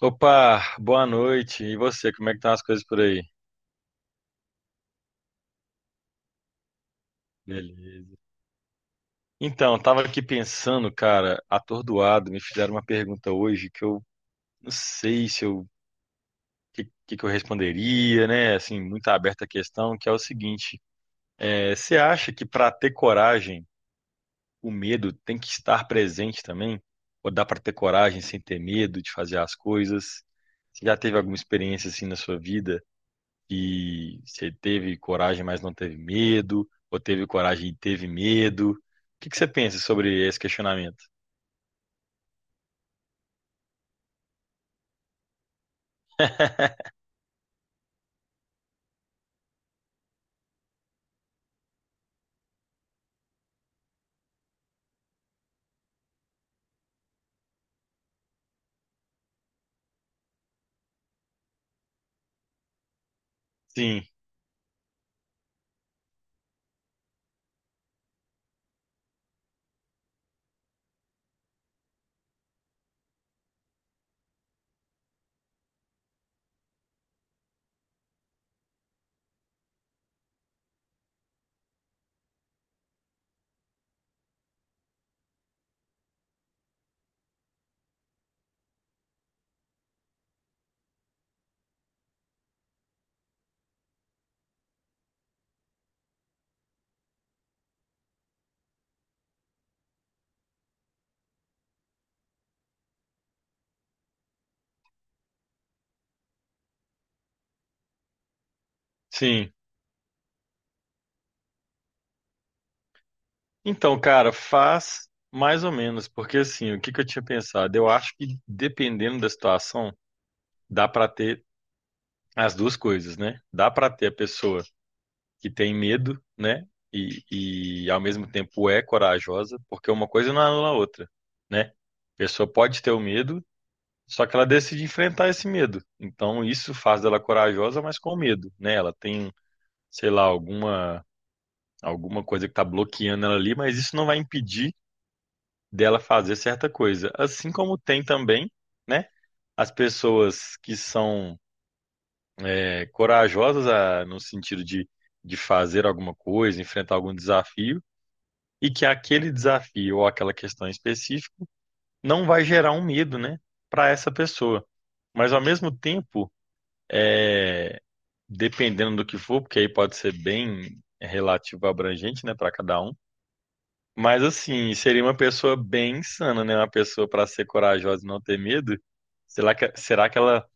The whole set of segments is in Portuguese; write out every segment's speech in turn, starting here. Opa, boa noite. E você, como é que estão as coisas por aí? Beleza. Então, tava aqui pensando, cara, atordoado, me fizeram uma pergunta hoje que eu não sei se eu que eu responderia, né? Assim, muito aberta a questão, que é o seguinte: você acha que para ter coragem, o medo tem que estar presente também? Ou dá para ter coragem sem ter medo de fazer as coisas? Você já teve alguma experiência assim na sua vida? Que você teve coragem, mas não teve medo, ou teve coragem e teve medo? O que que você pensa sobre esse questionamento? Sim, sim. Então, cara, faz mais ou menos, porque assim, o que que eu tinha pensado? Eu acho que dependendo da situação, dá pra ter as duas coisas, né? Dá pra ter a pessoa que tem medo, né? E ao mesmo tempo é corajosa, porque uma coisa não anula a outra, né? A pessoa pode ter o medo. Só que ela decide enfrentar esse medo. Então isso faz dela corajosa, mas com medo, né? Ela tem, sei lá, alguma coisa que tá bloqueando ela ali, mas isso não vai impedir dela fazer certa coisa. Assim como tem também, né? As pessoas que são corajosas a- no sentido de fazer alguma coisa, enfrentar algum desafio, e que aquele desafio ou aquela questão específica não vai gerar um medo, né? Para essa pessoa. Mas ao mesmo tempo dependendo do que for, porque aí pode ser bem relativo abrangente, né, para cada um. Mas assim, seria uma pessoa bem insana, né? Uma pessoa para ser corajosa e não ter medo. Será que ela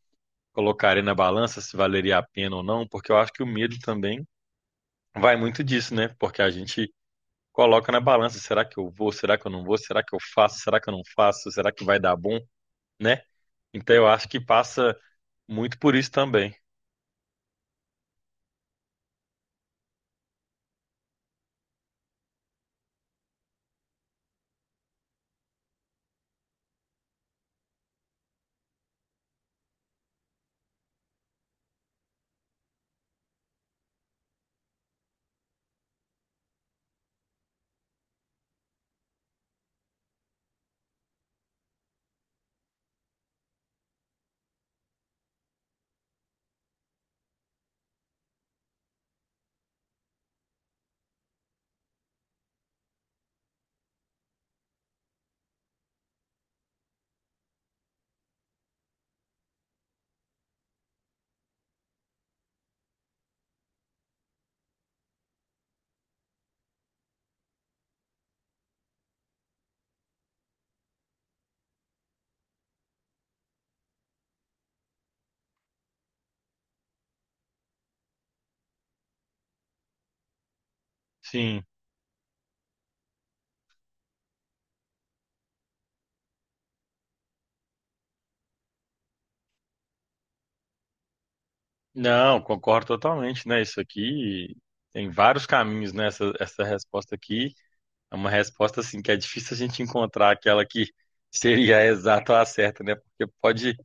colocaria na balança se valeria a pena ou não? Porque eu acho que o medo também vai muito disso, né? Porque a gente coloca na balança, será que eu vou? Será que eu não vou? Será que eu faço? Será que eu não faço? Será que vai dar bom, né? Então eu acho que passa muito por isso também. Sim. Não, concordo totalmente, né? Isso aqui tem vários caminhos, né? Essa resposta aqui é uma resposta assim que é difícil a gente encontrar aquela que seria a exata ou a certa, né? Porque pode,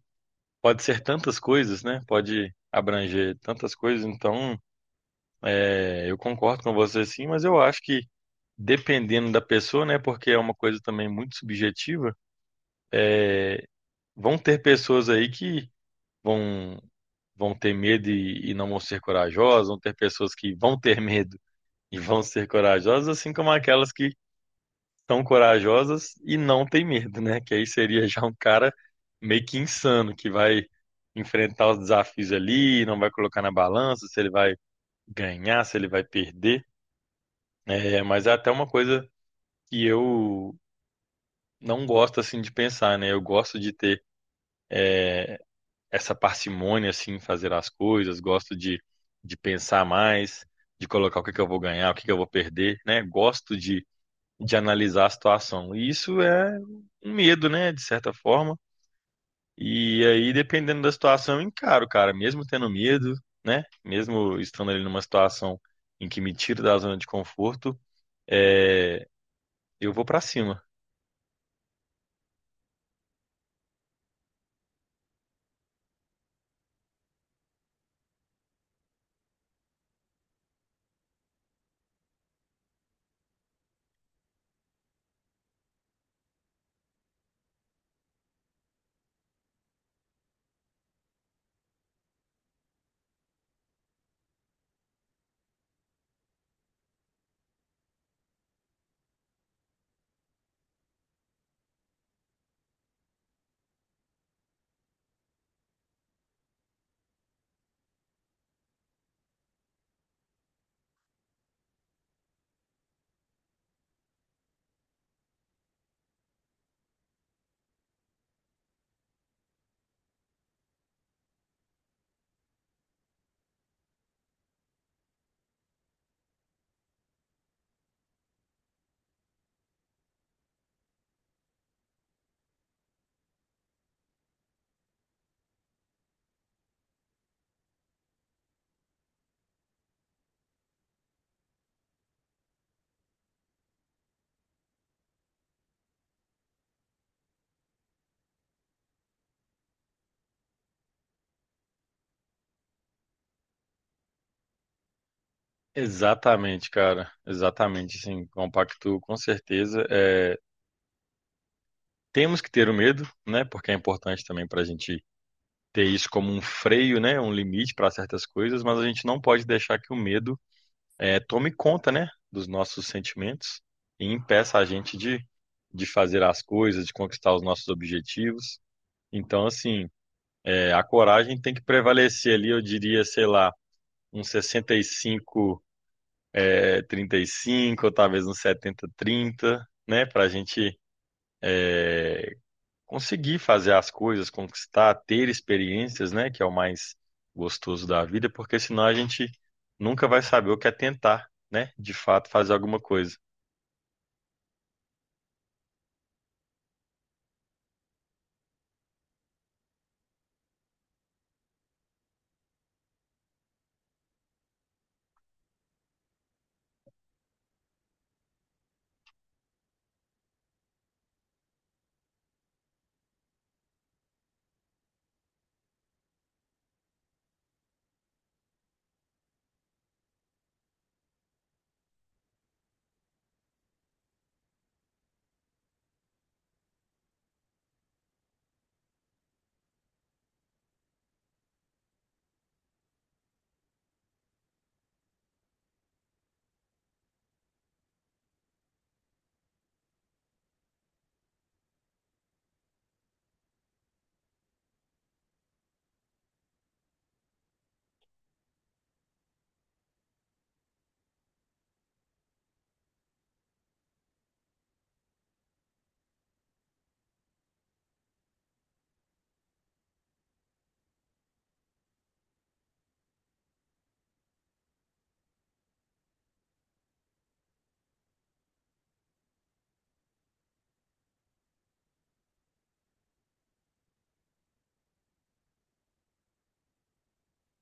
pode ser tantas coisas, né? Pode abranger tantas coisas. Então, eu concordo com você sim, mas eu acho que dependendo da pessoa, né? Porque é uma coisa também muito subjetiva. é, Vão ter pessoas aí que vão vão ter medo e não vão ser corajosas, vão ter pessoas que vão ter medo e vão ser corajosas, assim como aquelas que são corajosas e não têm medo, né? Que aí seria já um cara meio que insano, que vai enfrentar os desafios ali, não vai colocar na balança se ele vai ganhar, se ele vai perder. É, mas é até uma coisa que eu não gosto assim de pensar, né? Eu gosto de ter essa parcimônia assim em fazer as coisas, gosto de pensar mais, de colocar o que é que eu vou ganhar, o que é que eu vou perder, né? Gosto de analisar a situação. E isso é um medo, né, de certa forma. E aí, dependendo da situação, eu encaro, cara, mesmo tendo medo, né? Mesmo estando ali numa situação em que me tira da zona de conforto, é, eu vou pra cima. Exatamente, cara. Exatamente, sim, compacto com certeza. É, temos que ter o medo, né? Porque é importante também para a gente ter isso como um freio, né? Um limite para certas coisas, mas a gente não pode deixar que o medo tome conta, né? Dos nossos sentimentos e impeça a gente de fazer as coisas, de conquistar os nossos objetivos. Então, assim, a coragem tem que prevalecer ali, eu diria, sei lá, um 65, 35, ou talvez um 70, 30, né? Para a gente conseguir fazer as coisas, conquistar, ter experiências, né, que é o mais gostoso da vida, porque senão a gente nunca vai saber o que é tentar, né, de fato fazer alguma coisa.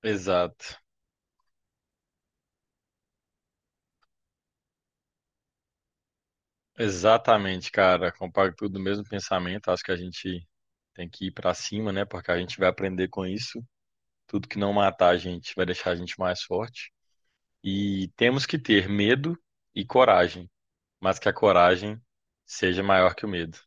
Exato. Exatamente, cara. Compacto tudo no mesmo pensamento. Acho que a gente tem que ir pra cima, né, porque a gente vai aprender com isso. Tudo que não matar a gente vai deixar a gente mais forte. E temos que ter medo e coragem, mas que a coragem seja maior que o medo.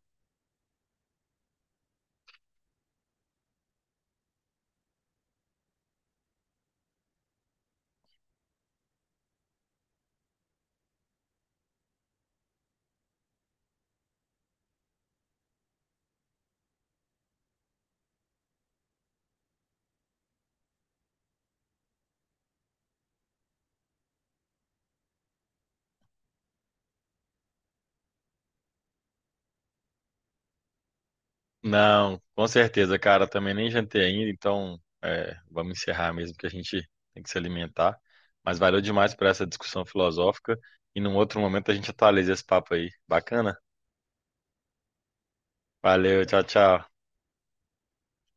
Não, com certeza, cara. Também nem jantei ainda, então é, vamos encerrar mesmo, que a gente tem que se alimentar. Mas valeu demais por essa discussão filosófica. E num outro momento a gente atualiza esse papo aí. Bacana? Valeu, tchau, tchau.